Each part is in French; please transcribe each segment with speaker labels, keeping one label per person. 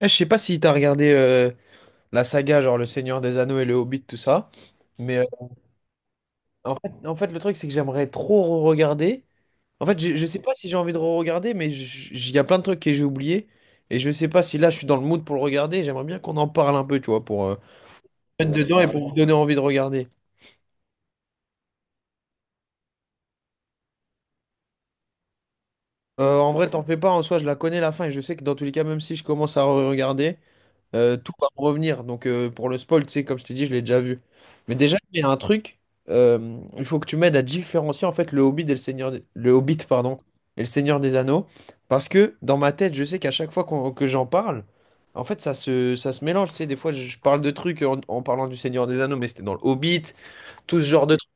Speaker 1: Eh, je sais pas si t'as regardé la saga, genre Le Seigneur des Anneaux et Le Hobbit, tout ça. Mais en fait, le truc, c'est que j'aimerais trop regarder. En fait, je sais pas si j'ai envie de regarder, mais il y a plein de trucs que j'ai oubliés. Et je sais pas si là, je suis dans le mood pour le regarder. J'aimerais bien qu'on en parle un peu, tu vois, pour être dedans et pour vous donner envie de regarder. En vrai, t'en fais pas, en soi, je la connais la fin. Et je sais que dans tous les cas, même si je commence à regarder, tout va me revenir. Donc pour le spoil, tu sais, comme je t'ai dit, je l'ai déjà vu. Mais déjà, il y a un truc, il faut que tu m'aides à différencier en fait le Hobbit et le Seigneur, le Hobbit, pardon, et le Seigneur des Anneaux, parce que dans ma tête, je sais qu'à chaque fois que j'en parle, en fait, ça se mélange. Tu sais, des fois, je parle de trucs en parlant du Seigneur des Anneaux, mais c'était dans le Hobbit, tout ce genre de trucs.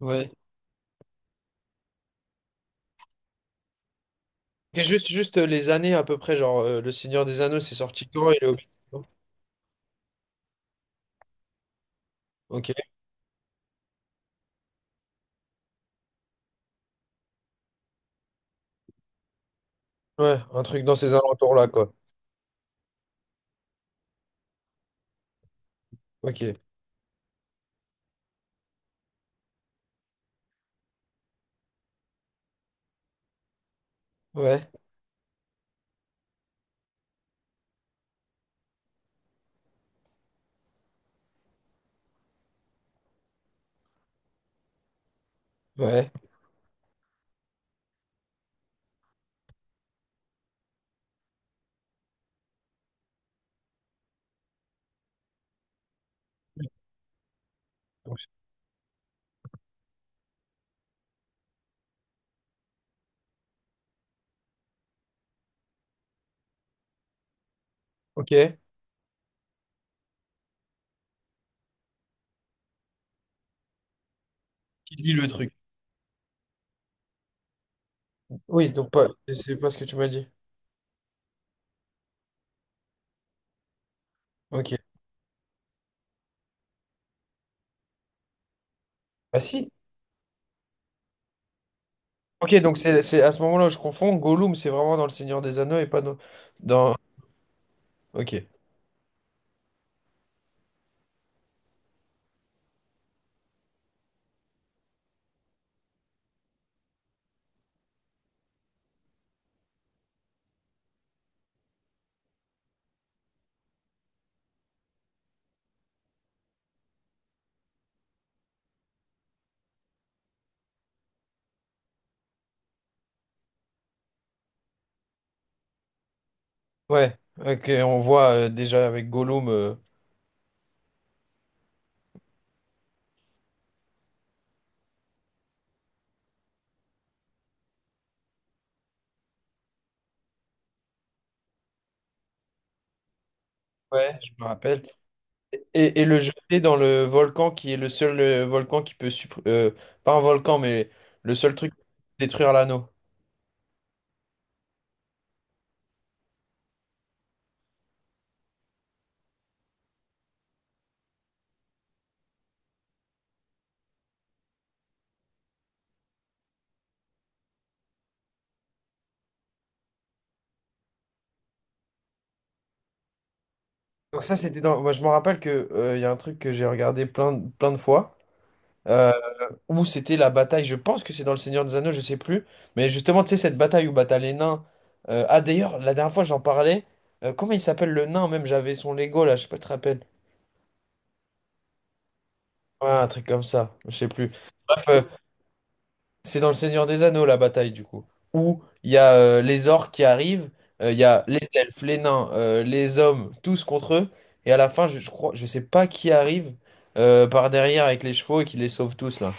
Speaker 1: Ouais. Et juste les années à peu près, genre le Seigneur des Anneaux, c'est sorti quand et le Hobbit? Ok, ouais, un truc dans ces alentours-là, quoi. Ok, ouais, ouais. Ok. Qui lit le truc. Oui, donc pas, c'est pas ce que tu m'as dit. Ok. Bah si. Ok, donc c'est à ce moment-là où je confonds. Gollum, c'est vraiment dans Le Seigneur des Anneaux et pas dans... dans... Ok. Ouais. Ok, on voit déjà avec Gollum. Ouais, je me rappelle. Et le jeter dans le volcan qui est le seul volcan qui peut... pas un volcan, mais le seul truc qui peut détruire l'anneau. Donc ça, c'était dans... Moi, je me rappelle que il y a un truc que j'ai regardé plein de fois. Où c'était la bataille, je pense que c'est dans Le Seigneur des Anneaux, je sais plus, mais justement, tu sais, cette bataille où bah, t'as les nains. Ah, d'ailleurs, la dernière fois, j'en parlais. Comment il s'appelle le nain, même? J'avais son Lego, là, je sais pas, si tu te rappelles? Ouais, un truc comme ça, je sais plus. Euh, c'est dans Le Seigneur des Anneaux, la bataille, du coup, où il y a les orques qui arrivent, il y a les elfes, les nains, les hommes, tous contre eux, et à la fin, je crois, je sais pas qui arrive par derrière avec les chevaux et qui les sauve tous, là.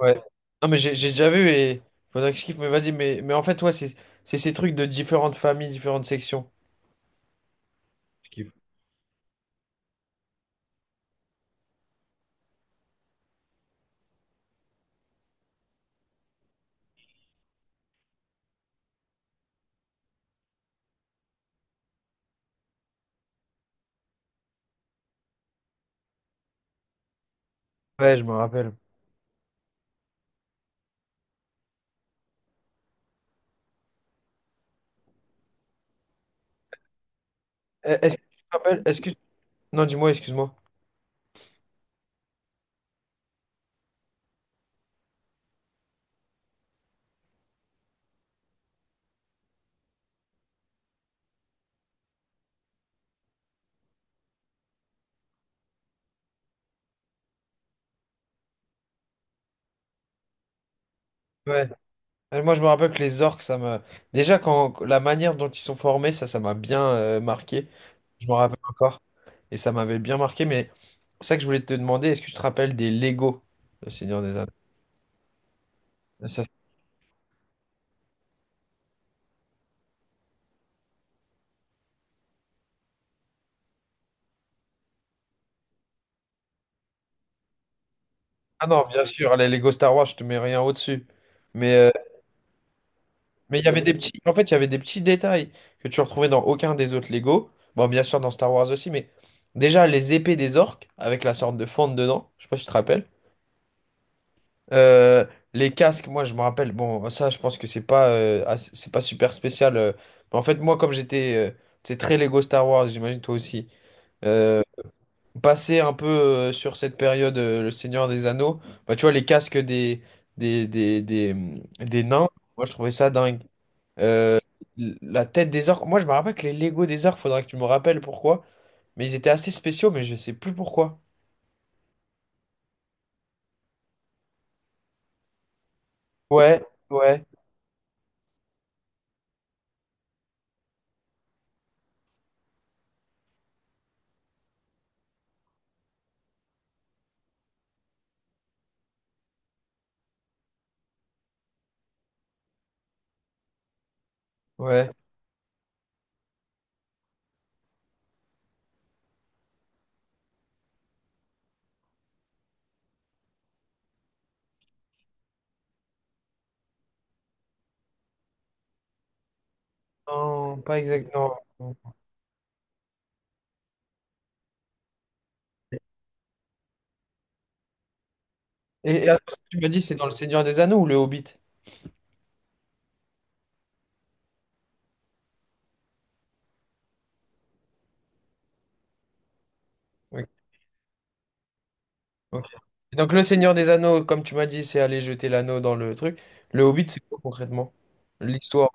Speaker 1: Ouais. Non, mais j'ai déjà vu et faudrait que je kiffe, mais vas-y, mais en fait, ouais, c'est ces trucs de différentes familles, différentes sections. Ouais, je me rappelle. Eh, est-ce que tu te rappelles, est-ce que... Non, dis-moi, excuse-moi. Ouais. Eh, moi, je me rappelle que les orques, ça m'a... Déjà, quand la manière dont ils sont formés, ça m'a bien marqué. Je me rappelle encore. Et ça m'avait bien marqué, mais c'est ça que je voulais te demander, est-ce que tu te rappelles des Lego, le Seigneur des Anneaux? Ça, c'est- Ah non, bien sûr, les Lego Star Wars, je te mets rien au-dessus. Mais mais il y avait des petits, en fait, il y avait des petits détails que tu retrouvais dans aucun des autres Lego. Bon, bien sûr, dans Star Wars aussi, mais déjà, les épées des orques, avec la sorte de fente dedans, je sais pas si tu te rappelles. Euh, les casques, moi, je me rappelle, bon, ça, je pense que c'est pas, assez- c'est pas super spécial. Mais en fait, moi, comme j'étais, c'est très Lego Star Wars, j'imagine toi aussi. Euh, passer un peu sur cette période, le Seigneur des Anneaux, bah, tu vois, les casques des, des, des, des nains, moi, je trouvais ça dingue. Euh, la tête des orques. Moi, je me rappelle que les Lego des orques, faudrait que tu me rappelles pourquoi. Mais ils étaient assez spéciaux, mais je sais plus pourquoi. Ouais, ouais, ouais. Non, pas exactement. Et attends, ce que tu m'as dit, c'est dans Le Seigneur des Anneaux ou Le Hobbit? Ok. Ok. Et donc, Le Seigneur des Anneaux, comme tu m'as dit, c'est aller jeter l'anneau dans le truc. Le Hobbit, c'est quoi concrètement? L'histoire.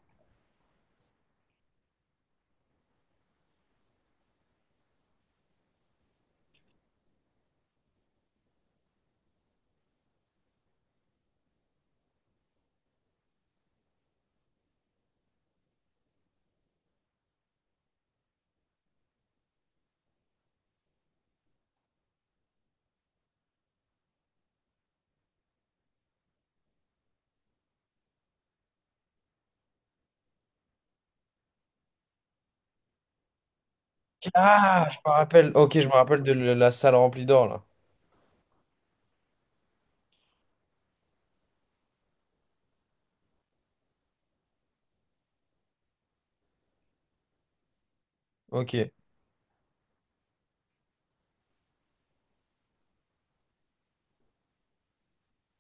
Speaker 1: Ah, je me rappelle. Ok, je me rappelle de la salle remplie d'or, là. Ok.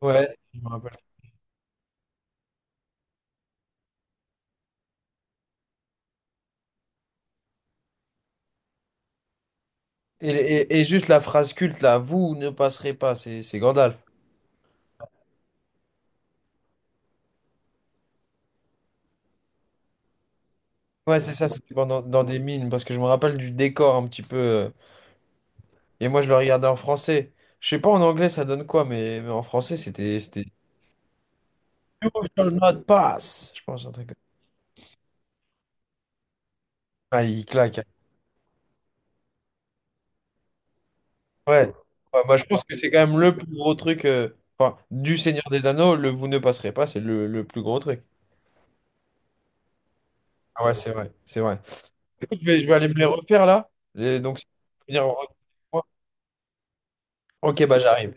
Speaker 1: Ouais, je me rappelle. Et et juste la phrase culte, là, vous ne passerez pas, c'est Gandalf. Ouais, c'est ça, c'était pendant dans des mines, parce que je me rappelle du décor un petit peu. Et moi, je le regardais en français. Je sais pas en anglais, ça donne quoi, mais en français, c'était. C'était. You shall not pass, je pense, un truc comme ça. Ah, il claque, hein. Ouais. Ouais, bah, je pense que c'est quand même le plus gros truc. Enfin, du Seigneur des Anneaux, le vous ne passerez pas, c'est le plus gros truc. Ah ouais, c'est vrai, c'est vrai. Je vais aller me les refaire là. Et donc, c'est- Ok, bah j'arrive.